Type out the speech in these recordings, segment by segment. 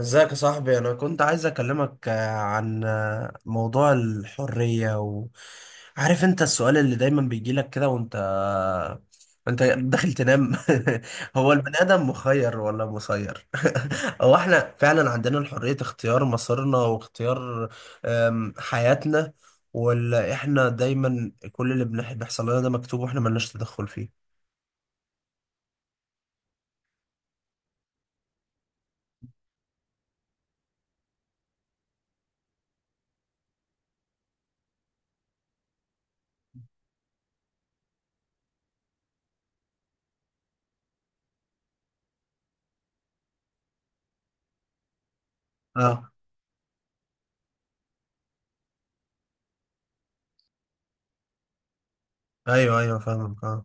ازيك يا صاحبي، انا كنت عايز اكلمك عن موضوع الحرية و. عارف انت السؤال اللي دايما بيجيلك كده وانت، انت داخل تنام. هو البني ادم مخير ولا مسير؟ هو احنا فعلا عندنا الحرية اختيار مصيرنا واختيار حياتنا؟ ولا احنا دايما كل اللي بيحصل لنا ده مكتوب واحنا ملناش تدخل فيه؟ اه. ايوه ايوه، فاهمك، اه.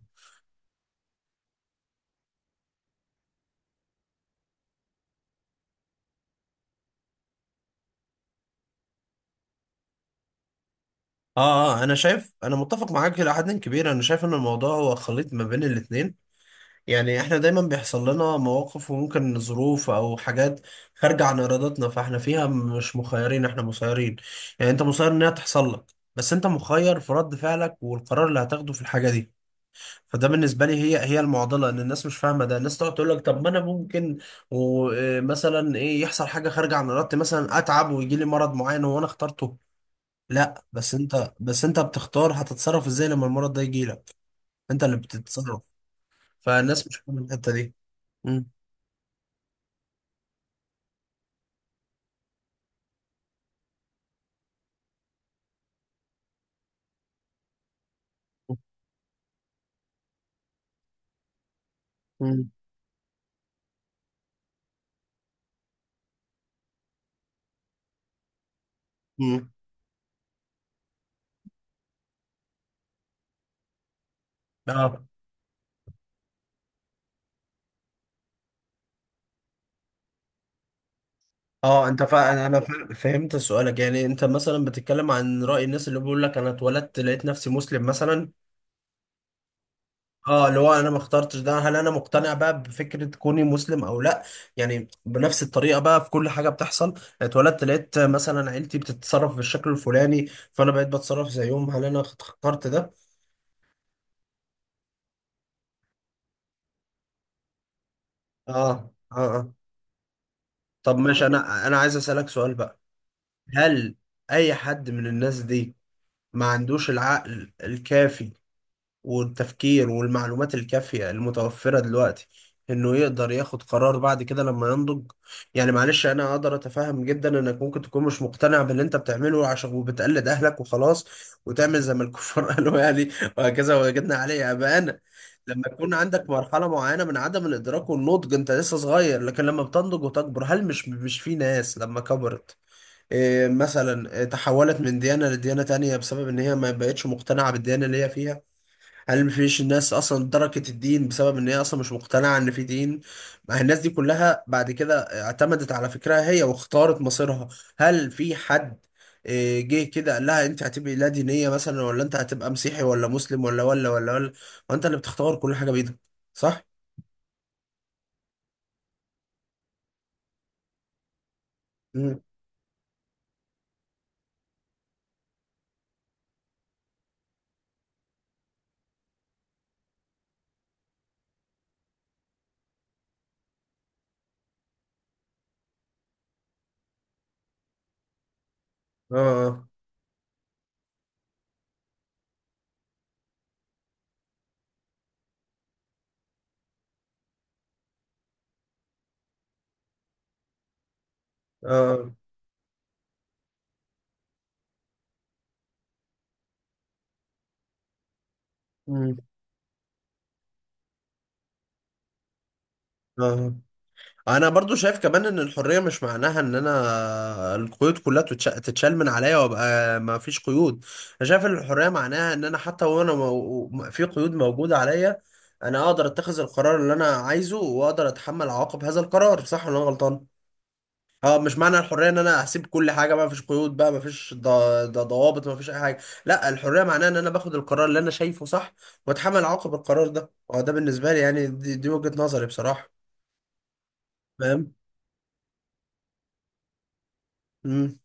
اه، اه، انا شايف، انا متفق معاك الى حد كبير. انا شايف ان الموضوع هو خليط ما بين الاتنين. يعني احنا دايما بيحصل لنا مواقف وممكن ظروف او حاجات خارجة عن ارادتنا، فاحنا فيها مش مخيرين، احنا مسيرين. يعني انت مسير ان هي تحصل لك، بس انت مخير في رد فعلك والقرار اللي هتاخده في الحاجة دي. فده بالنسبة لي هي المعضلة، ان الناس مش فاهمة ده. الناس تقعد تقول لك طب ما انا ممكن ومثلا ايه يحصل حاجة خارجة عن ارادتي، مثلا اتعب ويجي لي مرض معين وانا اخترته. لا، بس انت بتختار هتتصرف ازاي لما المرض ده يجي لك. انت اللي بتتصرف. فالناس مش فاهمه الحته دي. مم. مم. مم. اه. اه. فهمت سؤالك. يعني انت مثلا بتتكلم عن رأي الناس اللي بيقول لك انا اتولدت لقيت نفسي مسلم مثلا. اه، اللي هو انا ما اخترتش ده، هل انا مقتنع بقى بفكرة كوني مسلم او لا. يعني بنفس الطريقة بقى في كل حاجة بتحصل، اتولدت لقيت مثلا عيلتي بتتصرف بالشكل الفلاني فانا بقيت بتصرف زيهم، هل انا اخترت ده؟ اه. اه. آه. طب ماشي، انا عايز اسالك سؤال بقى. هل اي حد من الناس دي ما عندوش العقل الكافي والتفكير والمعلومات الكافية المتوفرة دلوقتي انه يقدر ياخد قرار بعد كده لما ينضج؟ يعني معلش، انا اقدر اتفهم جدا انك ممكن تكون مش مقتنع باللي انت بتعمله، عشان وبتقلد اهلك وخلاص، وتعمل زي ما الكفار قالوا يعني، وهكذا وجدنا عليه اباءنا. لما يكون عندك مرحلة معينة من عدم الادراك والنضج انت لسه صغير، لكن لما بتنضج وتكبر هل مش في ناس لما كبرت مثلا تحولت من ديانة لديانة تانية بسبب ان هي ما بقتش مقتنعة بالديانة اللي هي فيها؟ هل مفيش ناس اصلا تركت الدين بسبب ان هي اصلا مش مقتنعه ان في دين؟ ما هي الناس دي كلها بعد كده اعتمدت على فكرها هي واختارت مصيرها. هل في حد جه كده قال لها انت هتبقي لا دينيه مثلا، ولا انت هتبقى مسيحي ولا مسلم ولا ولا ولا ولا. وانت اللي بتختار كل حاجه بايدك، صح؟ مم. اه. اه. اه. مم. اه، انا برضو شايف كمان ان الحريه مش معناها ان انا القيود كلها تتشال من عليا وابقى ما فيش قيود. انا شايف ان الحريه معناها ان انا حتى وانا في قيود موجوده عليا، انا اقدر اتخذ القرار اللي انا عايزه واقدر اتحمل عواقب هذا القرار، صح ولا انا غلطان؟ اه، مش معنى الحريه ان انا هسيب كل حاجه ما فيش قيود بقى، ما فيش ضوابط، ما فيش اي حاجه. لا، الحريه معناها ان انا باخد القرار اللي انا شايفه صح، واتحمل عواقب القرار ده. اه، ده بالنسبه لي يعني، دي وجهه نظري بصراحه. فاهم. امم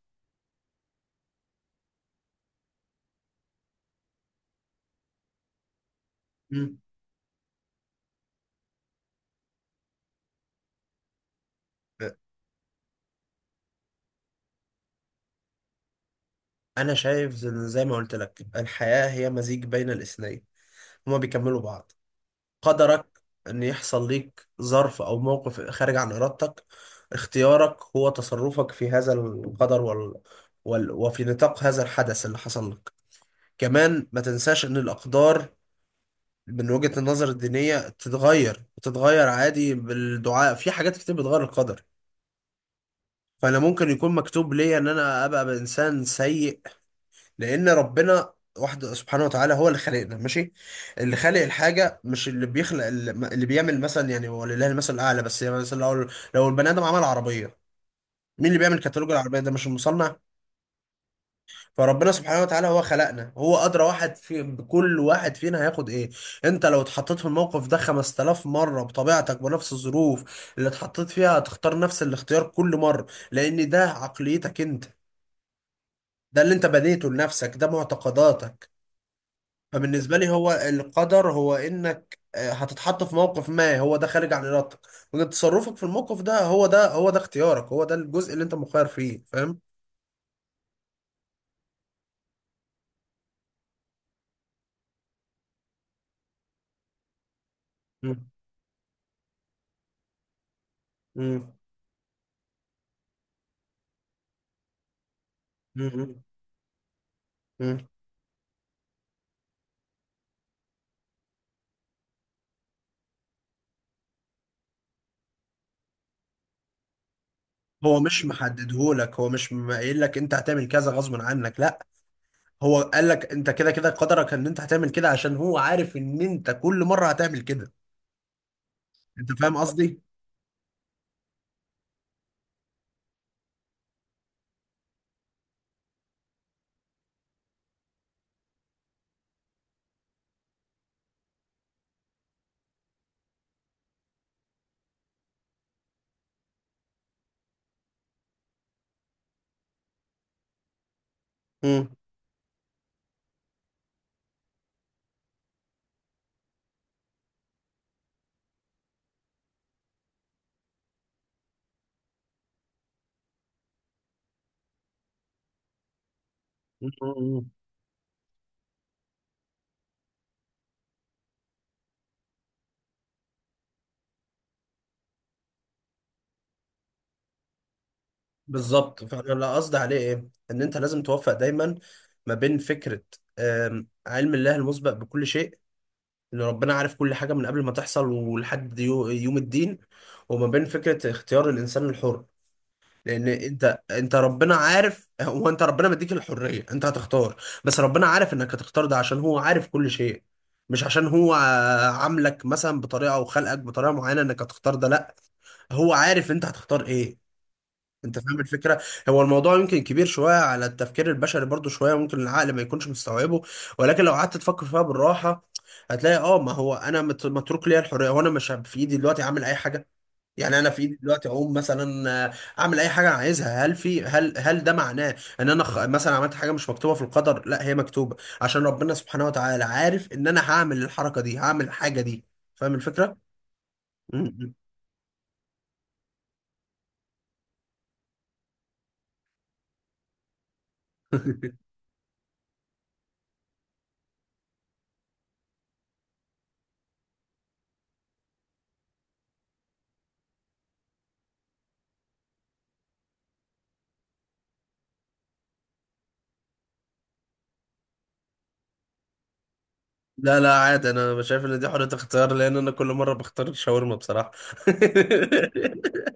انا شايف زي ما قلت لك، الحياة هي مزيج بين الاثنين، هما بيكملوا بعض. قدرك ان يحصل ليك ظرف او موقف خارج عن ارادتك، اختيارك هو تصرفك في هذا القدر وفي نطاق هذا الحدث اللي حصل لك. كمان ما تنساش ان الاقدار من وجهة النظر الدينية تتغير، وتتغير عادي بالدعاء، في حاجات كتير بتغير القدر. فانا ممكن يكون مكتوب ليا ان انا ابقى بانسان سيء، لان ربنا واحد سبحانه وتعالى هو اللي خلقنا، ماشي؟ اللي خالق الحاجه مش اللي بيخلق، اللي بيعمل مثلا، يعني هو لله المثل الاعلى، بس يعني مثلا لو البني ادم عمل عربيه، مين اللي بيعمل كتالوج العربيه ده؟ مش المصنع؟ فربنا سبحانه وتعالى هو خلقنا، هو ادرى واحد في بكل واحد فينا هياخد ايه. انت لو اتحطيت في الموقف ده 5000 مره بطبيعتك، بنفس الظروف اللي اتحطيت فيها، هتختار نفس الاختيار كل مره، لان ده عقليتك انت، ده اللي انت بنيته لنفسك، ده معتقداتك. فبالنسبة لي هو القدر هو انك هتتحط في موقف ما هو ده خارج عن ارادتك، وان تصرفك في الموقف ده، هو ده اختيارك، هو ده الجزء اللي انت مخير فيه. فاهم. مم. مم. مم. مم. هو مش محددهولك، هو مش قايل لك انت هتعمل كذا غصب عنك، لا. هو قال لك انت كده كده قدرك ان انت هتعمل كده، عشان هو عارف ان انت كل مرة هتعمل كده. انت فاهم قصدي. مم. مم. بالظبط. فانا اللي قصدي عليه ايه، ان انت لازم توفق دايما ما بين فكره علم الله المسبق بكل شيء، ان ربنا عارف كل حاجه من قبل ما تحصل ولحد يوم الدين، وما بين فكره اختيار الانسان الحر. لان انت ربنا عارف، هو انت ربنا مديك الحريه انت هتختار، بس ربنا عارف انك هتختار ده عشان هو عارف كل شيء، مش عشان هو عاملك مثلا بطريقه او خلقك بطريقه معينه انك هتختار ده، لا. هو عارف انت هتختار ايه. انت فاهم الفكره. هو الموضوع يمكن كبير شويه على التفكير البشري، برضو شويه ممكن العقل ما يكونش مستوعبه، ولكن لو قعدت تفكر فيها بالراحه هتلاقي اه، ما هو انا متروك ليا الحريه، وانا مش في ايدي دلوقتي اعمل اي حاجه. يعني انا في ايدي دلوقتي اقوم مثلا، اعمل اي حاجه انا عايزها. هل في هل هل ده معناه ان انا مثلا عملت حاجه مش مكتوبه في القدر؟ لا، هي مكتوبه، عشان ربنا سبحانه وتعالى عارف ان انا هعمل الحركه دي، هعمل الحاجه دي. فاهم الفكره؟ لا، لا، عادي. انا شايف ان دي حرية اختيار، لان انا كل مرة بختار الشاورما بصراحة.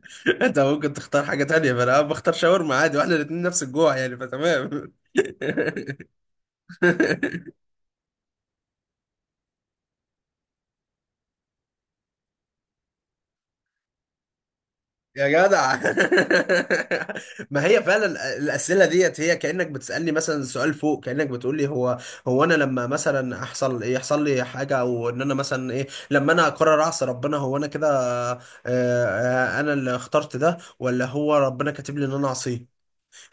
انت ممكن تختار حاجة تانية، فانا بختار شاورما عادي، واحنا الاتنين نفس الجوع يعني، فتمام. يا جدع. ما هي فعلا الأسئلة ديت هي كأنك بتسألني مثلا سؤال فوق، كأنك بتقول لي هو، هو انا لما مثلا احصل، يحصل لي حاجة، او ان انا مثلا ايه، لما انا اقرر اعصي ربنا هو انا كده آه، انا اللي اخترت ده ولا هو ربنا كاتب لي ان انا اعصيه.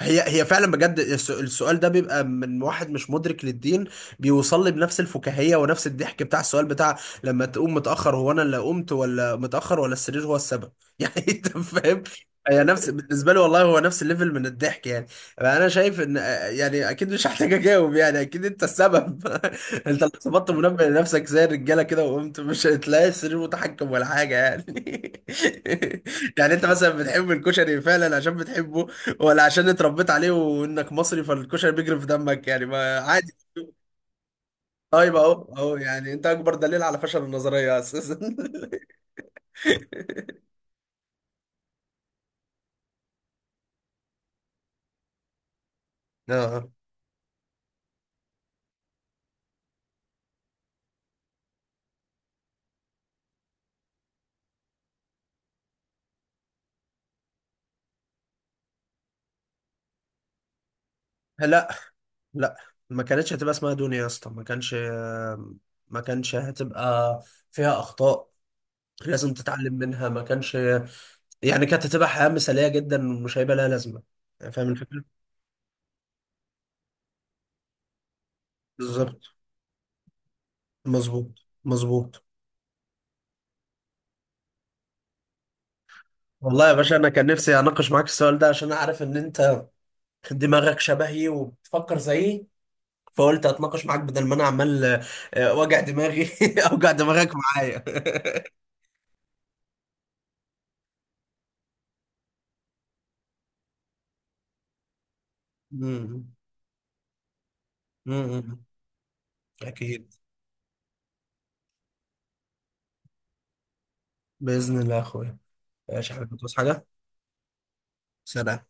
هي هي فعلا بجد، السؤال ده بيبقى من واحد مش مدرك للدين. بيوصل لي بنفس الفكاهية ونفس الضحك بتاع السؤال بتاع لما تقوم متأخر، هو انا اللي قمت ولا متأخر ولا السرير هو السبب؟ يعني انت فاهم. هي نفس بالنسبة لي والله، هو نفس الليفل من الضحك يعني. انا شايف ان يعني اكيد مش هحتاج اجاوب، يعني اكيد انت السبب. انت اللي ظبطت منبه لنفسك زي الرجالة كده وقمت، مش هتلاقي السرير متحكم ولا حاجة يعني. يعني انت مثلا بتحب الكشري فعلا عشان بتحبه، ولا عشان اتربيت عليه وانك مصري فالكشري بيجري في دمك يعني ما عادي؟ طيب، اهو اهو يعني، انت اكبر دليل على فشل النظريه اساسا. اه. لا، لا، ما كانتش هتبقى اسمها دنيا يا اسطى. ما كانش، ما كانش هتبقى فيها اخطاء لازم تتعلم منها، ما كانش. يعني كانت هتبقى حياه مثاليه جدا، مش هيبقى لها لازمه. فاهم الفكره. بالظبط. مظبوط، مظبوط. والله يا باشا، انا كان نفسي اناقش معاك السؤال ده عشان اعرف ان انت دماغك شبهي وبتفكر زيي، فقلت اتناقش معاك بدل ما انا عمال وجع دماغي. اوجع دماغك معايا. مم. مم. اكيد، باذن الله يا اخويا. ماشي يا حبيبي، بتوصي حاجه؟ سلام.